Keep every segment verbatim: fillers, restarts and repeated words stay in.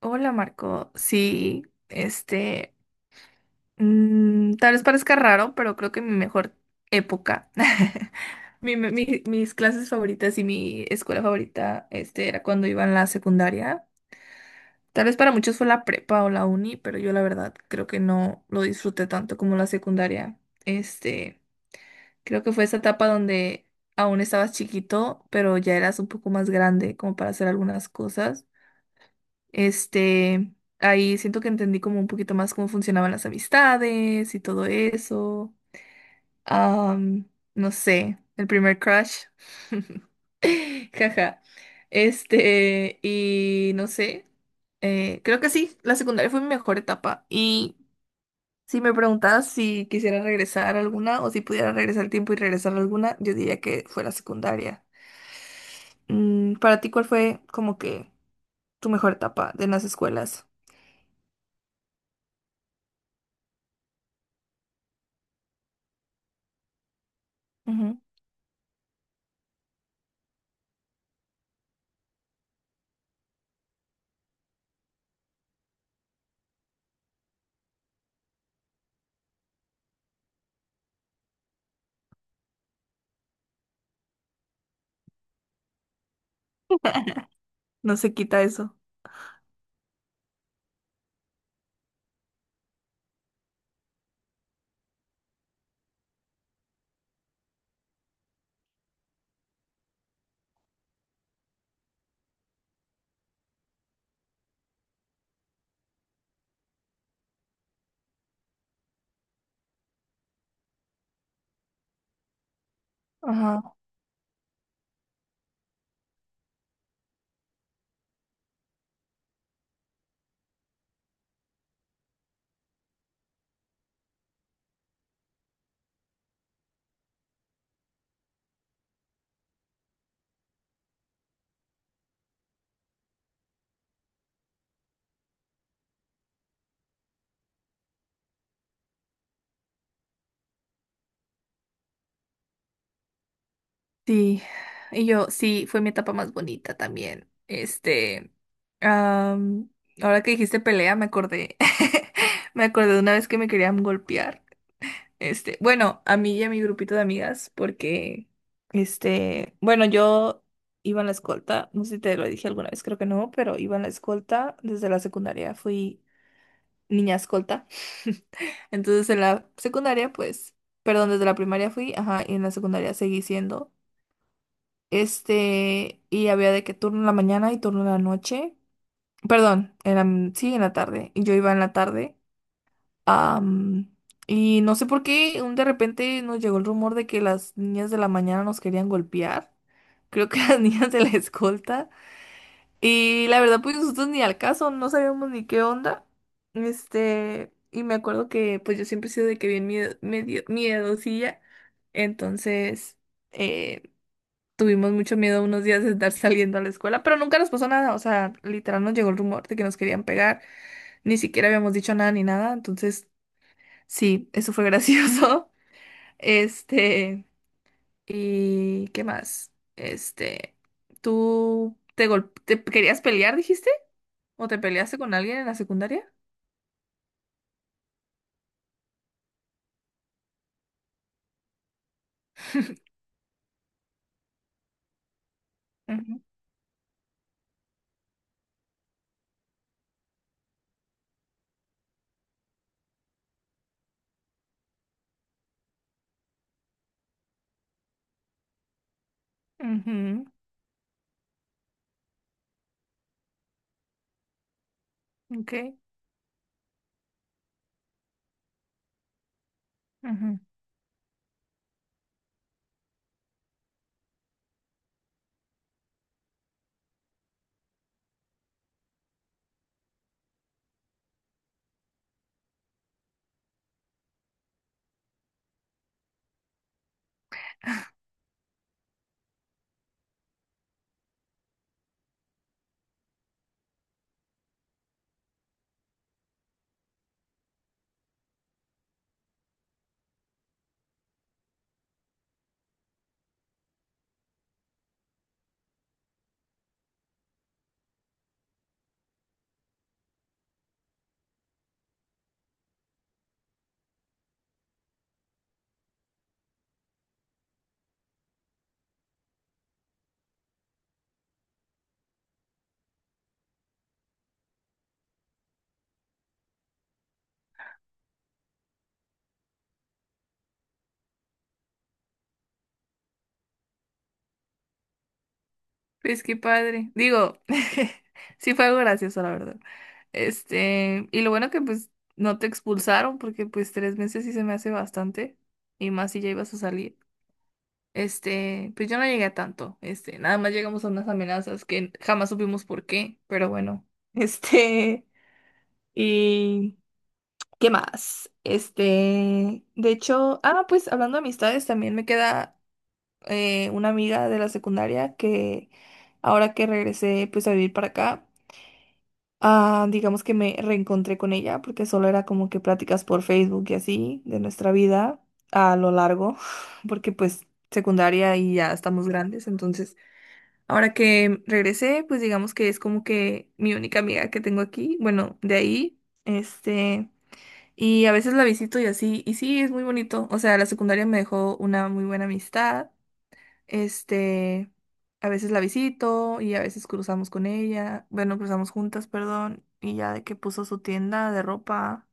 Hola Marco, sí, este, mm, tal vez parezca raro, pero creo que mi mejor época, mi- mi- mi- mis clases favoritas y mi escuela favorita, este, era cuando iba en la secundaria. Tal vez para muchos fue la prepa o la uni, pero yo la verdad creo que no lo disfruté tanto como la secundaria. Este, creo que fue esa etapa donde aún estabas chiquito, pero ya eras un poco más grande como para hacer algunas cosas. Este, ahí siento que entendí como un poquito más cómo funcionaban las amistades y todo eso. Am, no sé, el primer crush. Jaja. Este, y no sé. eh, creo que sí, la secundaria fue mi mejor etapa. Y si me preguntas si quisiera regresar a alguna o si pudiera regresar el tiempo y regresar a alguna, yo diría que fue la secundaria. Mm, para ti, ¿cuál fue como que tu mejor etapa de las escuelas? Ujú. No se quita eso. Sí, y yo sí, fue mi etapa más bonita también. Este, am, ahora que dijiste pelea, me acordé, me acordé de una vez que me querían golpear. Este, bueno, a mí y a mi grupito de amigas, porque, este, bueno, yo iba en la escolta, no sé si te lo dije alguna vez, creo que no, pero iba en la escolta desde la secundaria, fui niña escolta. Entonces en la secundaria, pues, perdón, desde la primaria fui, ajá, y en la secundaria seguí siendo. Este, y había de que turno en la mañana y turno en la noche. Perdón, en la- sí, en la tarde. Y yo iba en la tarde. am, y no sé por qué, un de repente nos llegó el rumor de que las niñas de la mañana nos querían golpear. Creo que las niñas de la escolta. Y la verdad, pues nosotros ni al caso, no sabíamos ni qué onda. Este, y me acuerdo que pues yo siempre he sido de que bien miedo, medio miedosilla. Entonces. eh, Tuvimos mucho miedo unos días de estar saliendo a la escuela, pero nunca nos pasó nada. O sea, literal nos llegó el rumor de que nos querían pegar. Ni siquiera habíamos dicho nada ni nada. Entonces, sí, eso fue gracioso. Este, ¿y qué más? Este, ¿tú te, gol- te querías pelear, dijiste? ¿O te peleaste con alguien en la secundaria? Ujú. Ujú. Ok. Ujú. Pues qué padre. Digo, sí fue algo gracioso, la verdad. Este, y lo bueno que pues no te expulsaron, porque pues tres meses sí se me hace bastante. Y más si ya ibas a salir. Este, pues yo no llegué a tanto. Este, nada más llegamos a unas amenazas que jamás supimos por qué, pero bueno. Este, y ¿qué más? Este, de hecho, ah, pues hablando de amistades, también me queda eh, una amiga de la secundaria que ahora que regresé pues a vivir para acá, ah, digamos que me reencontré con ella porque solo era como que pláticas por Facebook y así de nuestra vida a lo largo, porque pues secundaria y ya estamos grandes, entonces ahora que regresé pues digamos que es como que mi única amiga que tengo aquí, bueno, de ahí, este... Y a veces la visito y así, y sí, es muy bonito. O sea, la secundaria me dejó una muy buena amistad. Este, a veces la visito y a veces cruzamos con ella, bueno, cruzamos juntas, perdón, y ya de que puso su tienda de ropa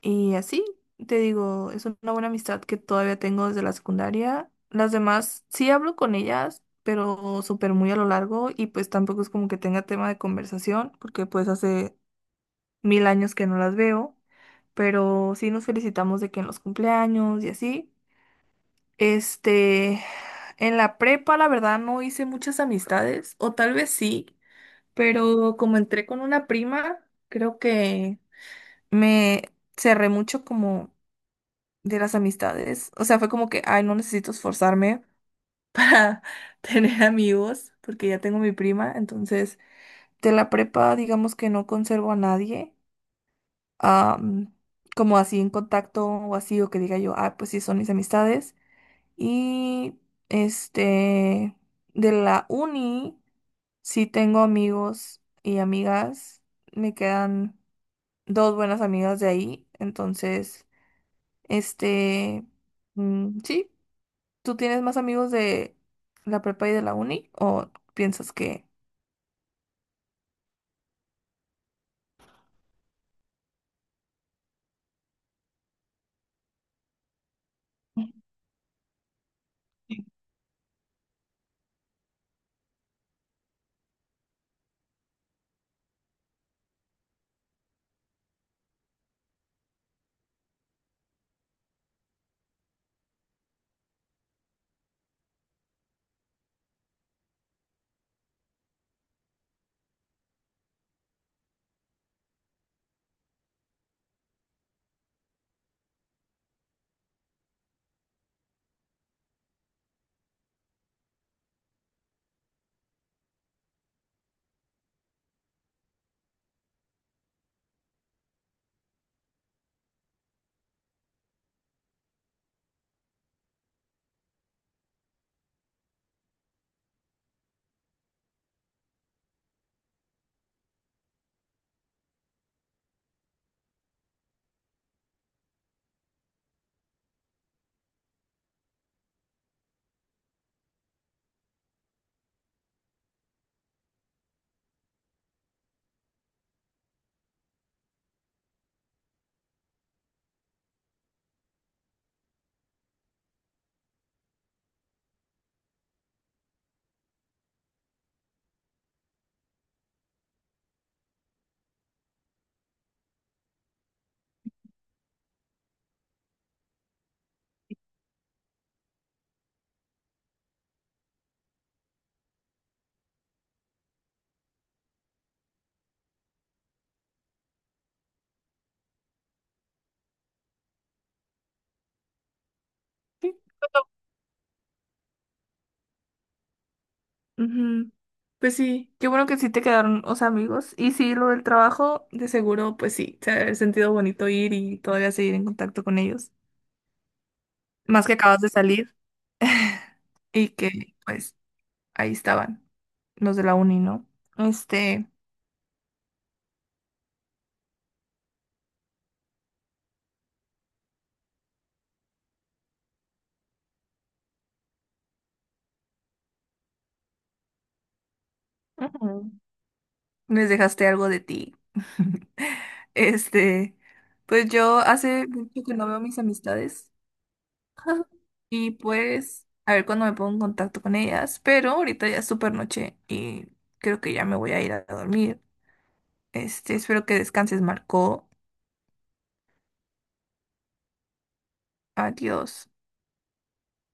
y así, te digo, es una buena amistad que todavía tengo desde la secundaria. Las demás sí hablo con ellas, pero súper muy a lo largo y pues tampoco es como que tenga tema de conversación, porque pues hace mil años que no las veo, pero sí nos felicitamos de que en los cumpleaños y así. Este, en la prepa, la verdad, no hice muchas amistades, o tal vez sí, pero como entré con una prima, creo que me cerré mucho como de las amistades. O sea, fue como que, ay, no necesito esforzarme para tener amigos, porque ya tengo mi prima. Entonces, de la prepa, digamos que no conservo a nadie, am, como así en contacto o así, o que diga yo, ah, pues sí, son mis amistades. Y este, de la uni, sí tengo amigos y amigas. Me quedan dos buenas amigas de ahí. Entonces, este, mm, sí, ¿tú tienes más amigos de la prepa y de la uni? ¿O piensas que... Sí. Ujú. Pues sí, qué bueno que sí te quedaron, o sea, amigos. Y sí, lo del trabajo, de seguro, pues sí, se ha de haber sentido bonito ir y todavía seguir en contacto con ellos. Más que acabas de salir y que pues ahí estaban los de la uni, ¿no? Este, ujú, les dejaste algo de ti. Este, pues yo hace mucho que no veo mis amistades y pues a ver cuándo me pongo en contacto con ellas, pero ahorita ya es súper noche y creo que ya me voy a ir a dormir. Este, espero que descanses, Marco. Adiós.